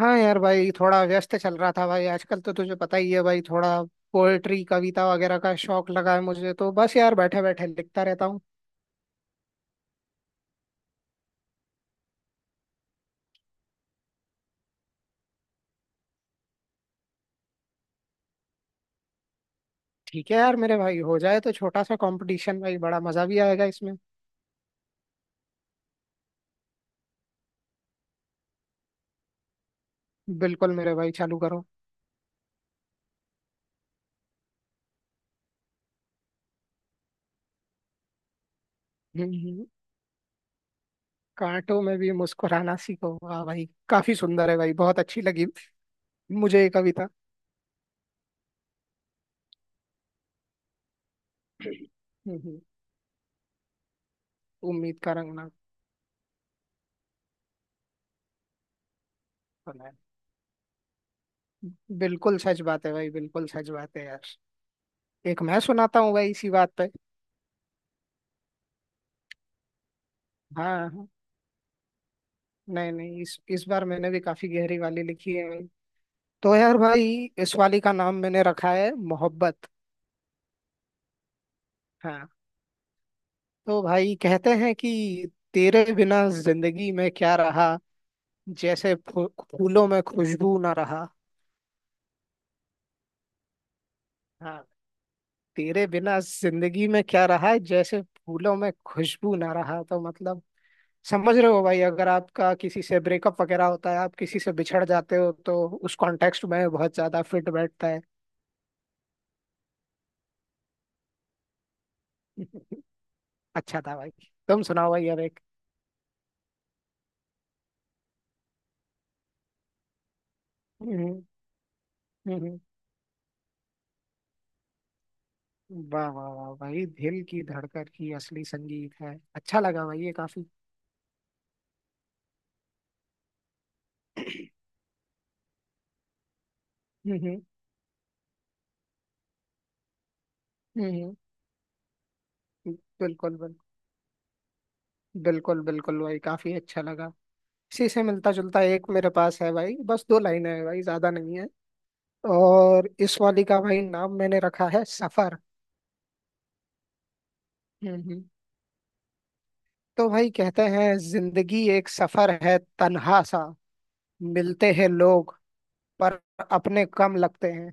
हाँ यार भाई थोड़ा व्यस्त चल रहा था भाई। आजकल तो तुझे पता ही है भाई, थोड़ा पोएट्री कविता वगैरह का शौक लगा है मुझे, तो बस यार बैठे बैठे लिखता रहता हूँ। ठीक है यार मेरे भाई, हो जाए तो छोटा सा कंपटीशन भाई, बड़ा मजा भी आएगा इसमें। बिल्कुल मेरे भाई, चालू करो। हम्म हम्म। कांटों में भी मुस्कुराना सीखो, वाह भाई काफी सुंदर है भाई, बहुत अच्छी लगी मुझे ये कविता। हम्म, हम्म। उम्मीद का रंग ना फैलाए। बिल्कुल सच बात है भाई, बिल्कुल सच बात है यार। एक मैं सुनाता हूँ भाई इसी बात पे। हाँ, हाँ। नहीं नहीं, इस बार मैंने भी काफी गहरी वाली लिखी है भाई। तो यार भाई, इस वाली का नाम मैंने रखा है मोहब्बत। हाँ, तो भाई कहते हैं कि तेरे बिना जिंदगी में क्या रहा, जैसे फूलों में खुशबू ना रहा। हाँ। तेरे बिना जिंदगी में क्या रहा जैसे फूलों में खुशबू ना रहा, तो मतलब समझ रहे हो भाई, अगर आपका किसी से ब्रेकअप वगैरह होता है, आप किसी से बिछड़ जाते हो, तो उस कॉन्टेक्स्ट में बहुत ज्यादा फिट बैठता है। अच्छा था भाई, तुम सुनाओ भाई अब एक। हम्म हम्म। हम्म। वाह वाह वाह भाई, दिल की धड़कन ही असली संगीत है, अच्छा लगा भाई ये काफी। हम्म हम्म। हम्म। बिल्कुल बिल्कुल। बिल्कुल बिल्कुल भाई, काफी अच्छा लगा। इसी से मिलता जुलता एक मेरे पास है भाई, बस दो लाइनें हैं भाई, ज्यादा नहीं है। और इस वाली का भाई नाम मैंने रखा है सफर। हम्म हम्म। तो भाई कहते हैं, जिंदगी एक सफर है तन्हा सा, मिलते हैं लोग पर अपने कम लगते हैं।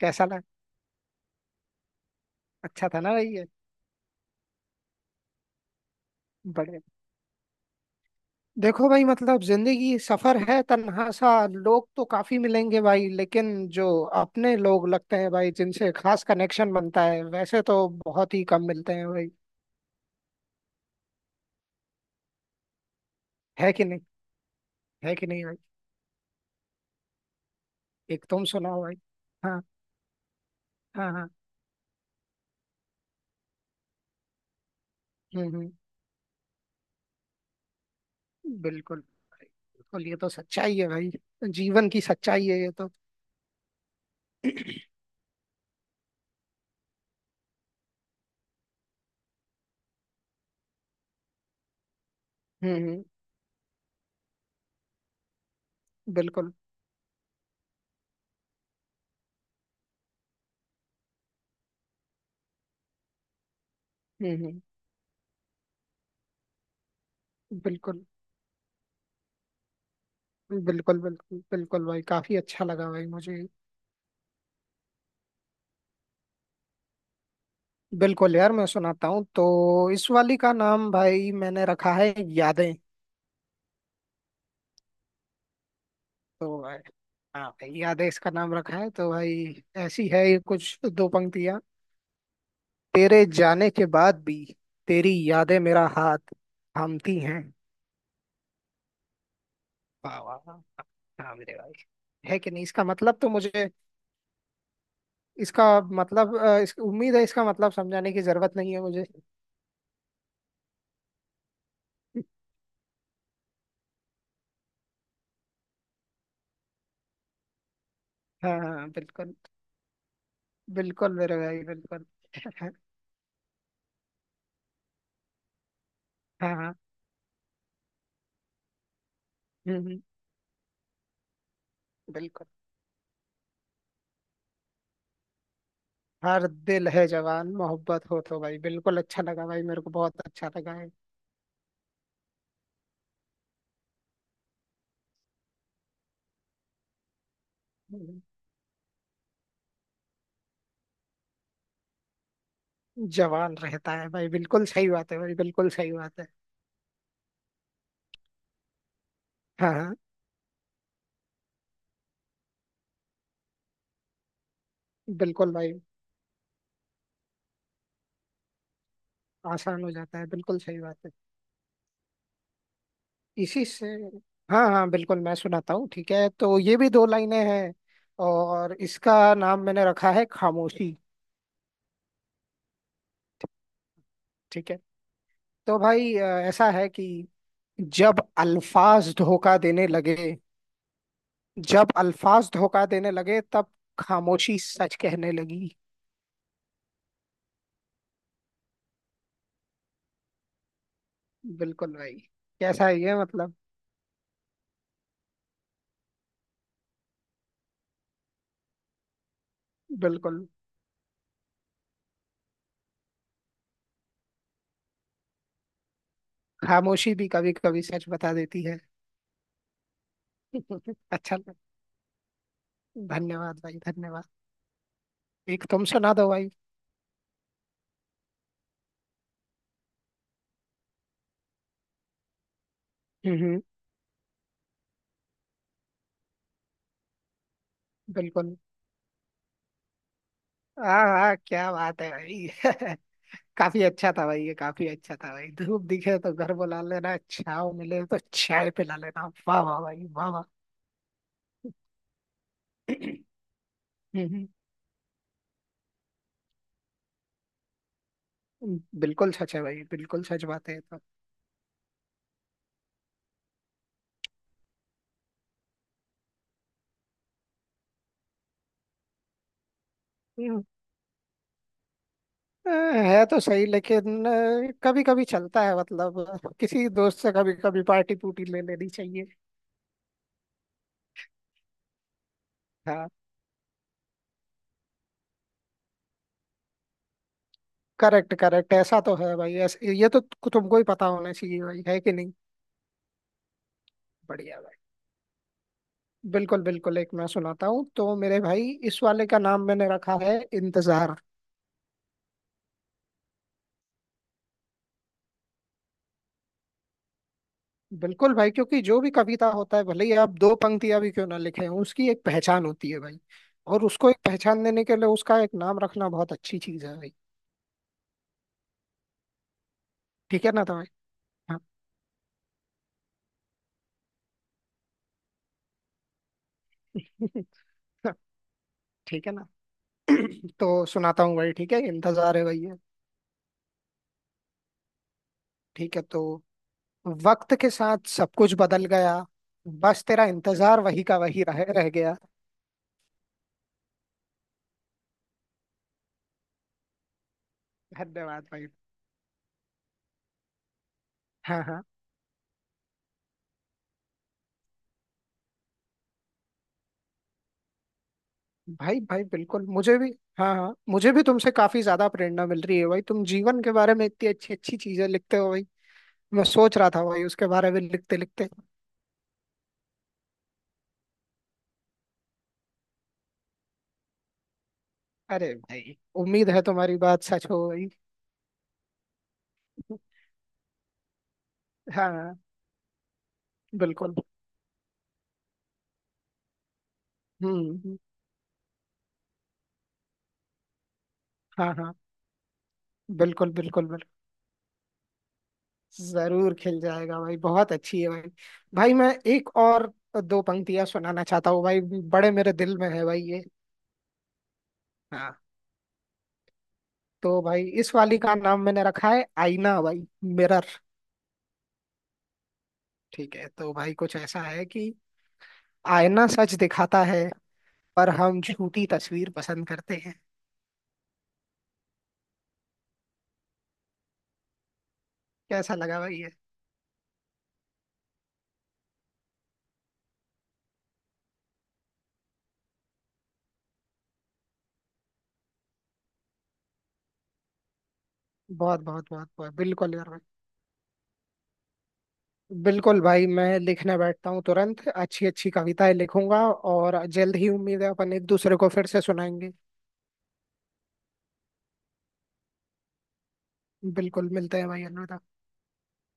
कैसा लगा? अच्छा था ना भाई ये? बड़े देखो भाई, मतलब जिंदगी सफर है तन्हा सा, लोग तो काफी मिलेंगे भाई, लेकिन जो अपने लोग लगते हैं भाई, जिनसे खास कनेक्शन बनता है, वैसे तो बहुत ही कम मिलते हैं भाई। है कि नहीं? है कि नहीं भाई? एक तुम सुनाओ भाई। हाँ। हाँ हाँ। हम्म। बिल्कुल भाई, बिल्कुल, ये तो सच्चाई है भाई, जीवन की सच्चाई है ये तो। हम्म। बिल्कुल। हम्म। बिल्कुल बिल्कुल बिल्कुल बिल्कुल भाई, काफी अच्छा लगा भाई मुझे। बिल्कुल यार, मैं सुनाता हूँ तो। इस वाली का नाम भाई मैंने रखा है यादें। तो भाई, हाँ भाई यादें इसका नाम रखा है, तो भाई ऐसी है ये कुछ दो पंक्तियाँ। तेरे जाने के बाद भी तेरी यादें मेरा हाथ थामती हैं। वाह वाह वाह। हाँ मेरे भाई। है कि नहीं? इसका मतलब तो मुझे, इसका मतलब उम्मीद है इसका मतलब समझाने की जरूरत नहीं है मुझे। हाँ हाँ, बिल्कुल। बिल्कुल मेरे भाई, बिल्कुल। हाँ हाँ। हम्म हम्म, बिल्कुल। हर दिल है जवान, मोहब्बत हो तो भाई, बिल्कुल अच्छा लगा भाई, मेरे को बहुत अच्छा लगा है। हम्म। जवान रहता है भाई, बिल्कुल सही बात है भाई, बिल्कुल सही बात है। हाँ हाँ, बिल्कुल भाई, आसान हो जाता है, बिल्कुल सही बात है। इसी से हाँ हाँ बिल्कुल, मैं सुनाता हूँ ठीक है, तो ये भी दो लाइनें हैं, और इसका नाम मैंने रखा है खामोशी। ठीक है, तो भाई ऐसा है कि जब अल्फाज धोखा देने लगे, जब अल्फाज धोखा देने लगे, तब खामोशी सच कहने लगी। बिल्कुल भाई। कैसा है ये, मतलब? बिल्कुल, खामोशी भी कभी कभी सच बता देती है। अच्छा लगा। धन्यवाद भाई, धन्यवाद। एक तुम सुना दो भाई। हम्म हम्म, बिल्कुल। हाँ हाँ, क्या बात है भाई। काफी अच्छा था भाई ये, काफी अच्छा था भाई। धूप दिखे तो घर बुला लेना, छाव मिले तो चाय पिला लेना, वाह वाह भाई वाह वाह। हम्म बिल्कुल सच है भाई, बिल्कुल सच बात है ये तो। है तो सही, लेकिन कभी कभी चलता है, मतलब किसी दोस्त से कभी कभी पार्टी पूटी ले लेनी चाहिए। हाँ। करेक्ट करेक्ट, ऐसा तो है भाई, ऐसे ये तो तुमको ही पता होना चाहिए भाई, है कि नहीं? बढ़िया भाई। बिल्कुल बिल्कुल, एक मैं सुनाता हूँ तो मेरे भाई, इस वाले का नाम मैंने रखा है इंतजार। बिल्कुल भाई, क्योंकि जो भी कविता होता है, भले ही आप दो पंक्तियां भी क्यों ना लिखे हों, उसकी एक पहचान होती है भाई। और उसको एक पहचान देने के लिए उसका एक नाम रखना बहुत अच्छी चीज है भाई। ठीक है ना तुम्हें। हाँ। ठीक है ना। तो सुनाता हूँ भाई, ठीक है इंतजार है भैया। ठीक है, तो वक्त के साथ सब कुछ बदल गया, बस तेरा इंतजार वही का वही रह रह गया। धन्यवाद भाई। हाँ हाँ, भाई भाई बिल्कुल, मुझे भी। हाँ हाँ, मुझे भी तुमसे काफी ज्यादा प्रेरणा मिल रही है भाई, तुम जीवन के बारे में इतनी अच्छी अच्छी चीजें लिखते हो भाई। मैं सोच रहा था भाई उसके बारे में लिखते लिखते। अरे भाई, उम्मीद है तुम्हारी बात सच हो भाई। हाँ हाँ, बिल्कुल। हम्म। हाँ हाँ। बिल्कुल बिल्कुल, जरूर खिल जाएगा भाई, बहुत अच्छी है भाई। भाई मैं एक और दो पंक्तियां सुनाना चाहता हूँ भाई, बड़े मेरे दिल में है भाई ये। हाँ, तो भाई इस वाली का नाम मैंने रखा है आईना भाई, मिरर। ठीक है, तो भाई कुछ ऐसा है कि आईना सच दिखाता है, पर हम झूठी तस्वीर पसंद करते हैं। कैसा लगा भाई ये? बहुत बहुत बहुत बहुत बिल्कुल यार भाई। बिल्कुल भाई, मैं लिखने बैठता हूँ तुरंत, अच्छी अच्छी कविताएं लिखूंगा, और जल्द ही उम्मीद है अपन एक दूसरे को फिर से सुनाएंगे। बिल्कुल, मिलते हैं भाई, अलविदा।